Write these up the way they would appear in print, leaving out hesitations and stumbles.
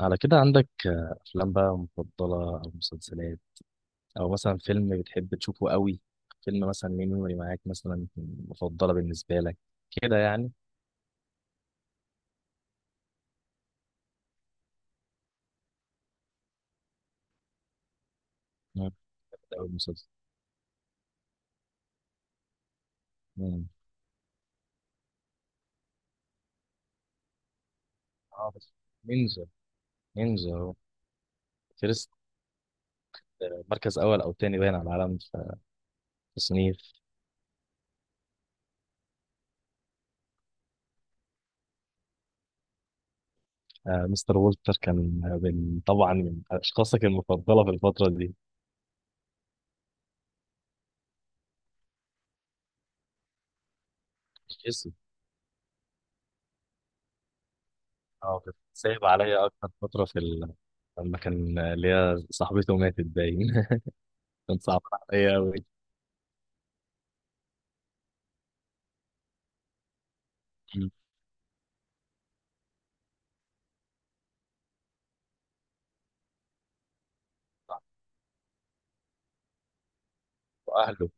على كده عندك أفلام بقى مفضلة، أو مسلسلات، أو مثلا فيلم بتحب تشوفه قوي. فيلم مثلا ليه ميموري معاك، مثلا مفضلة بالنسبة لك كده يعني. مم. أو المسلسل. مم. بس نينجا نينجا هو فيرست. مركز أول أو تاني باين على العالم في تصنيف. مستر وولتر كان من، طبعا، من أشخاصك المفضلة في الفترة دي. اسم. اه، كنت سايب عليا أكتر فترة في ال... لما كان اللي هي صاحبته ماتت باين. كان صعب عليا أوي. مم. صعب. وأهله.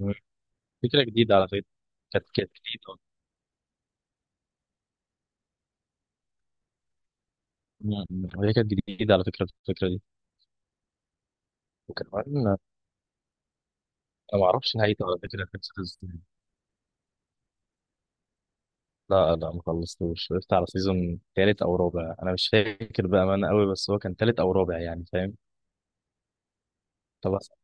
مم. فكرة جديدة على فكرة. كانت جديدة. مم. مم. هي كانت جديدة على فكرة، الفكرة دي. وكمان أنا ما أعرفش نهايته، على فكرة، خلصت إزاي. لا، لا، ما خلصتوش. وقفت على سيزون تالت أو رابع، أنا مش فاكر بقى أنا قوي، بس هو كان تالت أو رابع، يعني فاهم. طب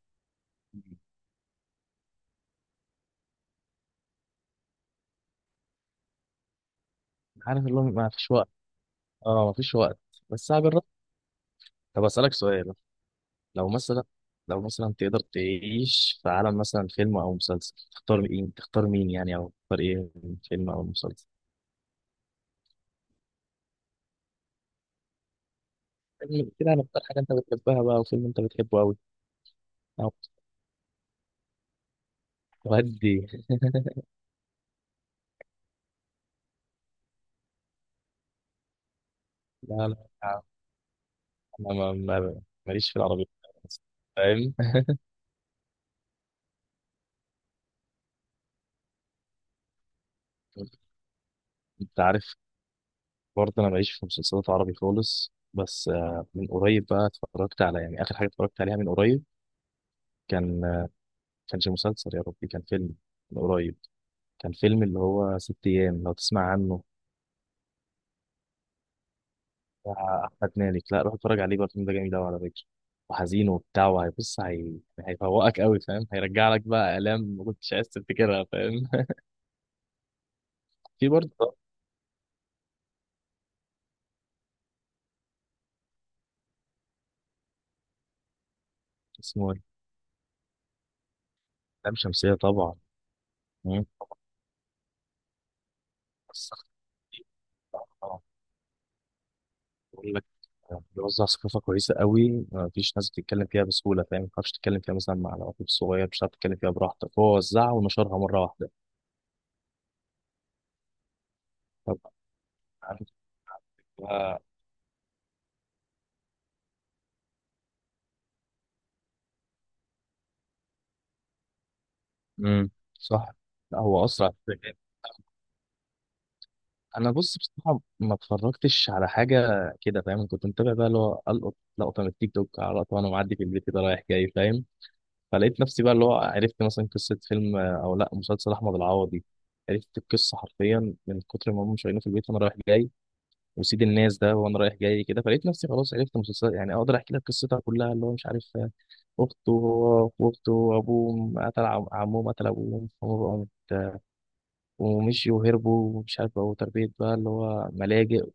عارف اللي هو ما فيش وقت. أه، ما فيش وقت. بس أنا بالرغم، طب أسألك سؤال. لو مثلا، لو مثلا تقدر تعيش في عالم مثلا فيلم او مسلسل، تختار مين؟ يعني، او تختار ايه؟ فيلم او مسلسل. فيلم كده هنختار حاجه انت بتحبها بقى، وفيلم انت بتحبه قوي. او ودي. لا، لا، لا، انا ماليش في العربي خالص. فاهم. انت عارف، برضه انا ماليش في مسلسلات عربي خالص، بس من قريب بقى اتفرجت على، يعني اخر حاجه اتفرجت عليها من قريب، كان كانش مسلسل، يا ربي كان فيلم، من قريب، كان فيلم اللي هو ست ايام، لو تسمع عنه، بتاع احمد مالك. لا، روح اتفرج عليه بقى، الفيلم ده جميل قوي على فكره، وحزين وبتاع، وهيبص هي... هيفوقك قوي، فاهم، هيرجع لك بقى الام ما كنتش عايز تفتكرها، فاهم. في برضه. اسمه ايه؟ لام شمسيه، طبعا. مم. بس خطير. طبعاً. بقول لك، بيوزع ثقافه كويسه قوي، ما فيش ناس بتتكلم فيها بسهوله، فاهم، ما تعرفش تتكلم فيها مثلا مع العقول صغير، مش هتعرف تتكلم فيها براحتك، هو وزعها ونشرها مره واحده. طب، عارف بقى. امم. صح. لا، هو اسرع. انا، بص، بصراحه ما اتفرجتش على حاجه كده، فاهم، كنت متابع بقى اللي هو القط لقطه من التيك توك على لقطه، وانا معدي في البيت كده رايح جاي، فاهم. فلقيت نفسي بقى اللي هو عرفت مثلا قصه فيلم او لا مسلسل احمد العوضي. عرفت القصه حرفيا من كتر ما هم شايلينه في البيت وانا رايح جاي، وسيد الناس ده وانا رايح جاي كده، فلقيت نفسي خلاص عرفت مسلسل، يعني اقدر احكي لك قصتها كلها، اللي هو مش عارف اخته، هو واخته وابوه، قتل عمهم قتل ابوهم، فهم بقوا مت- ومشيوا وهربوا ومش عارف بقوا تربية بقى اللي هو ملاجئ،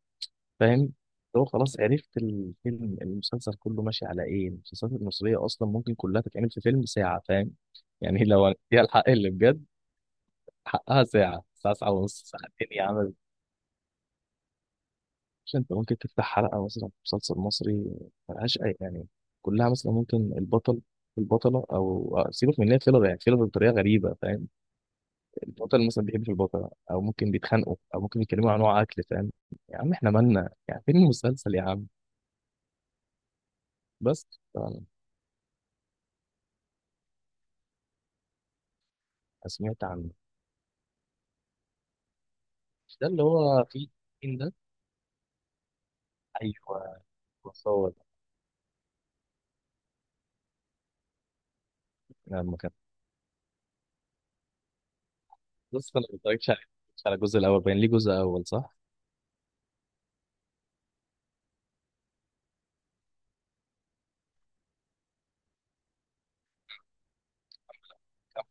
فاهم. هو خلاص عرفت الفيلم، المسلسل كله ماشي على ايه. المسلسلات المصرية اصلا ممكن كلها تتعمل في فيلم ساعة، فاهم، يعني لو هي الحق اللي بجد حقها ساعة، ساعة، ساعة ونص، ساعتين يا عم. مش انت ممكن تفتح حلقة مثلا في مسلسل مصري، ملهاش اي يعني، كلها مثلا ممكن البطل، البطلة أو سيبك من إن هي فيلر، يعني فيلر بطريقة غريبة، فاهم. البطل مثلا بيحب في البطلة، أو ممكن بيتخانقوا، أو ممكن بيتكلموا عن نوع أكل، فاهم، يا عم إحنا مالنا يعني، فين المسلسل يا عم. بس طبعاً. سمعت عن ده اللي هو فيه، التين ده. ايوه، وصور. لما كان، بص انا ما اتفرجتش على، الجزء الاول، باين ليه جزء اول، صح؟ كان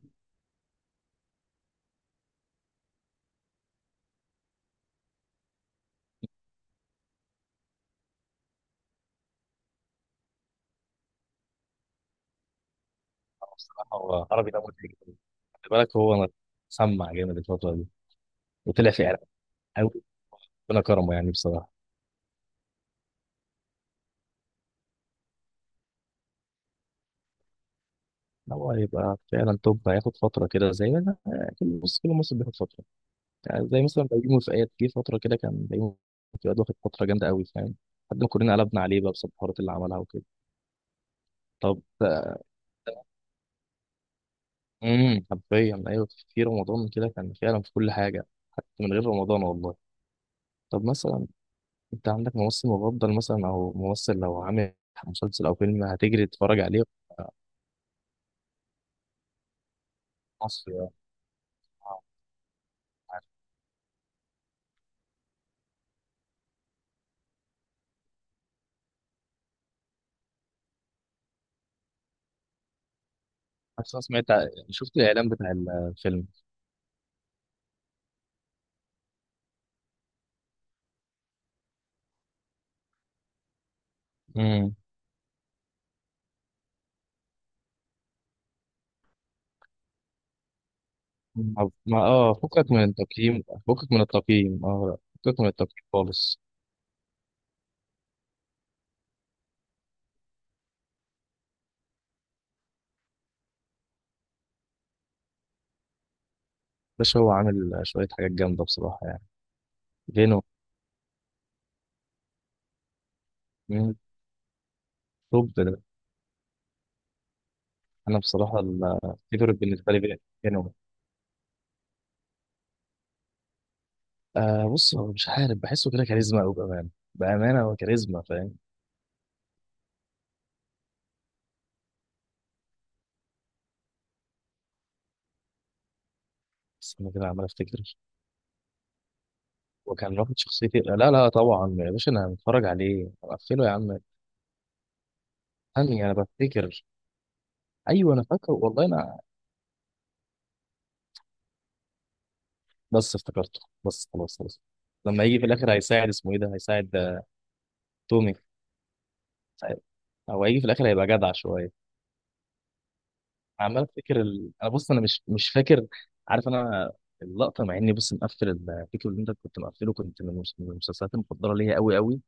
هو، بصراحه هو عربي ده مضحك جدا. خلي بالك هو سمع جامد الفتره دي، وطلع فعلا قوي، ربنا كرمه يعني بصراحه. هو هيبقى فعلا توب، هياخد فتره كده زي ما، كل موسم بياخد فتره، يعني زي مثلا بيومي فؤاد، جه فتره كده كان بيومي فؤاد واخد فتره جامده قوي، فاهم، لحد ما كلنا قلبنا عليه بقى بسبب الحوارات اللي عملها وكده. طب امم، حرفيا ايوه، في رمضان كده كان فعلا في كل حاجه، حتى من غير رمضان والله. طب مثلا، انت عندك ممثل مفضل مثلا، او ممثل لو عامل مسلسل او فيلم هتجري تتفرج عليه في مصر يعني. آه، عارف. بس انا سمعت، شفت الاعلان بتاع الفيلم. امم، ما فكك من التقييم، فكك من التقييم، اه. فكك من التقييم خالص. باشا هو عامل شويه حاجات جامده بصراحه، يعني فينو. مم. توب ده. انا بصراحه الفيفوريت بالنسبه لي فينو. آه، بص، هو مش عارف، بحسه كده كاريزما أوي، بأمانة. بأمانة هو كاريزما، فاهم. بس أنا كده عمال أفتكر، وكان رافض شخصيتي. لا، لا، طبعا يا باشا أنا هتفرج عليه، أقفله يا عم. ثانية أنا بفتكر. أيوه أنا فاكره، والله أنا بس افتكرته. بس خلاص، خلاص. لما يجي في الآخر هيساعد، اسمه إيه ده، هيساعد تومي. هو هيجي في الآخر هيبقى جدع شوية. عمال أفتكر ال... أنا بص أنا مش فاكر، عارف أنا، اللقطة، مع إني، بص، مقفل الفيديو اللي أنت كنت مقفله، كنت من المسلسلات المفضلة ليا أوي أوي،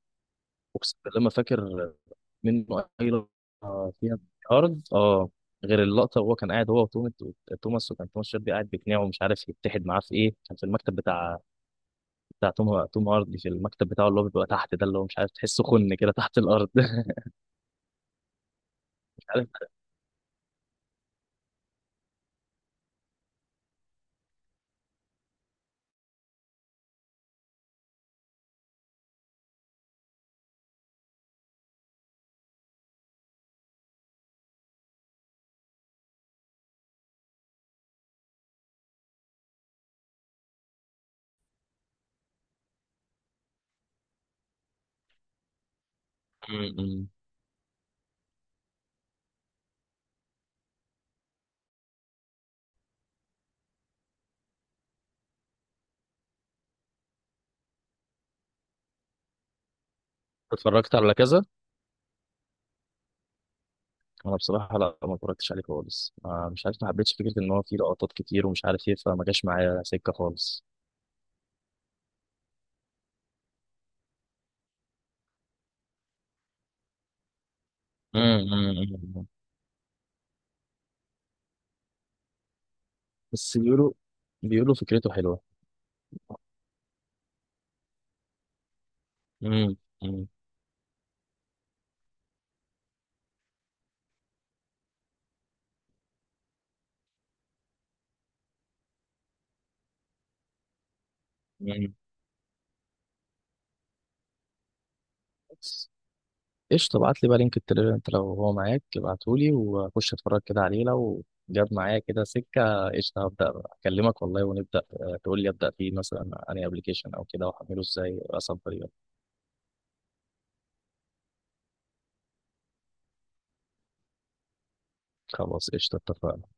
اقسم بالله ما فاكر منه اي لقطه فيها، ارض اه، غير اللقطه وهو كان قاعد هو وتوم، توماس، وكان توماس شيلبي قاعد بيقنعه ومش عارف يتحد معاه في ايه، كان في المكتب بتاع، بتاع توم هاردي، في المكتب بتاعه اللي هو بيبقى تحت ده، اللي هو مش عارف تحسه خن كده تحت الارض. مش عارف. م-م. اتفرجت على كذا. انا بصراحه لا، ما اتفرجتش عليه خالص، مش عارف، ما حبيتش فكره ان هو فيه لقطات كتير ومش عارف ايه، فما جاش معايا سكه خالص. م-م-م. بس بيقولوا، فكرته حلوه. م-م-م. بس قشطة، ابعت لي بقى لينك التليجرام، انت لو هو معاك ابعتهولي، واخش اتفرج كده عليه، لو جاب معايا كده سكة قشطة، هبدأ بقى اكلمك والله، ونبدأ، تقول لي ابدأ فيه مثلا انهي ابلكيشن او كده، واحمله ازاي، اصبر يلا. خلاص قشطة، اتفقنا.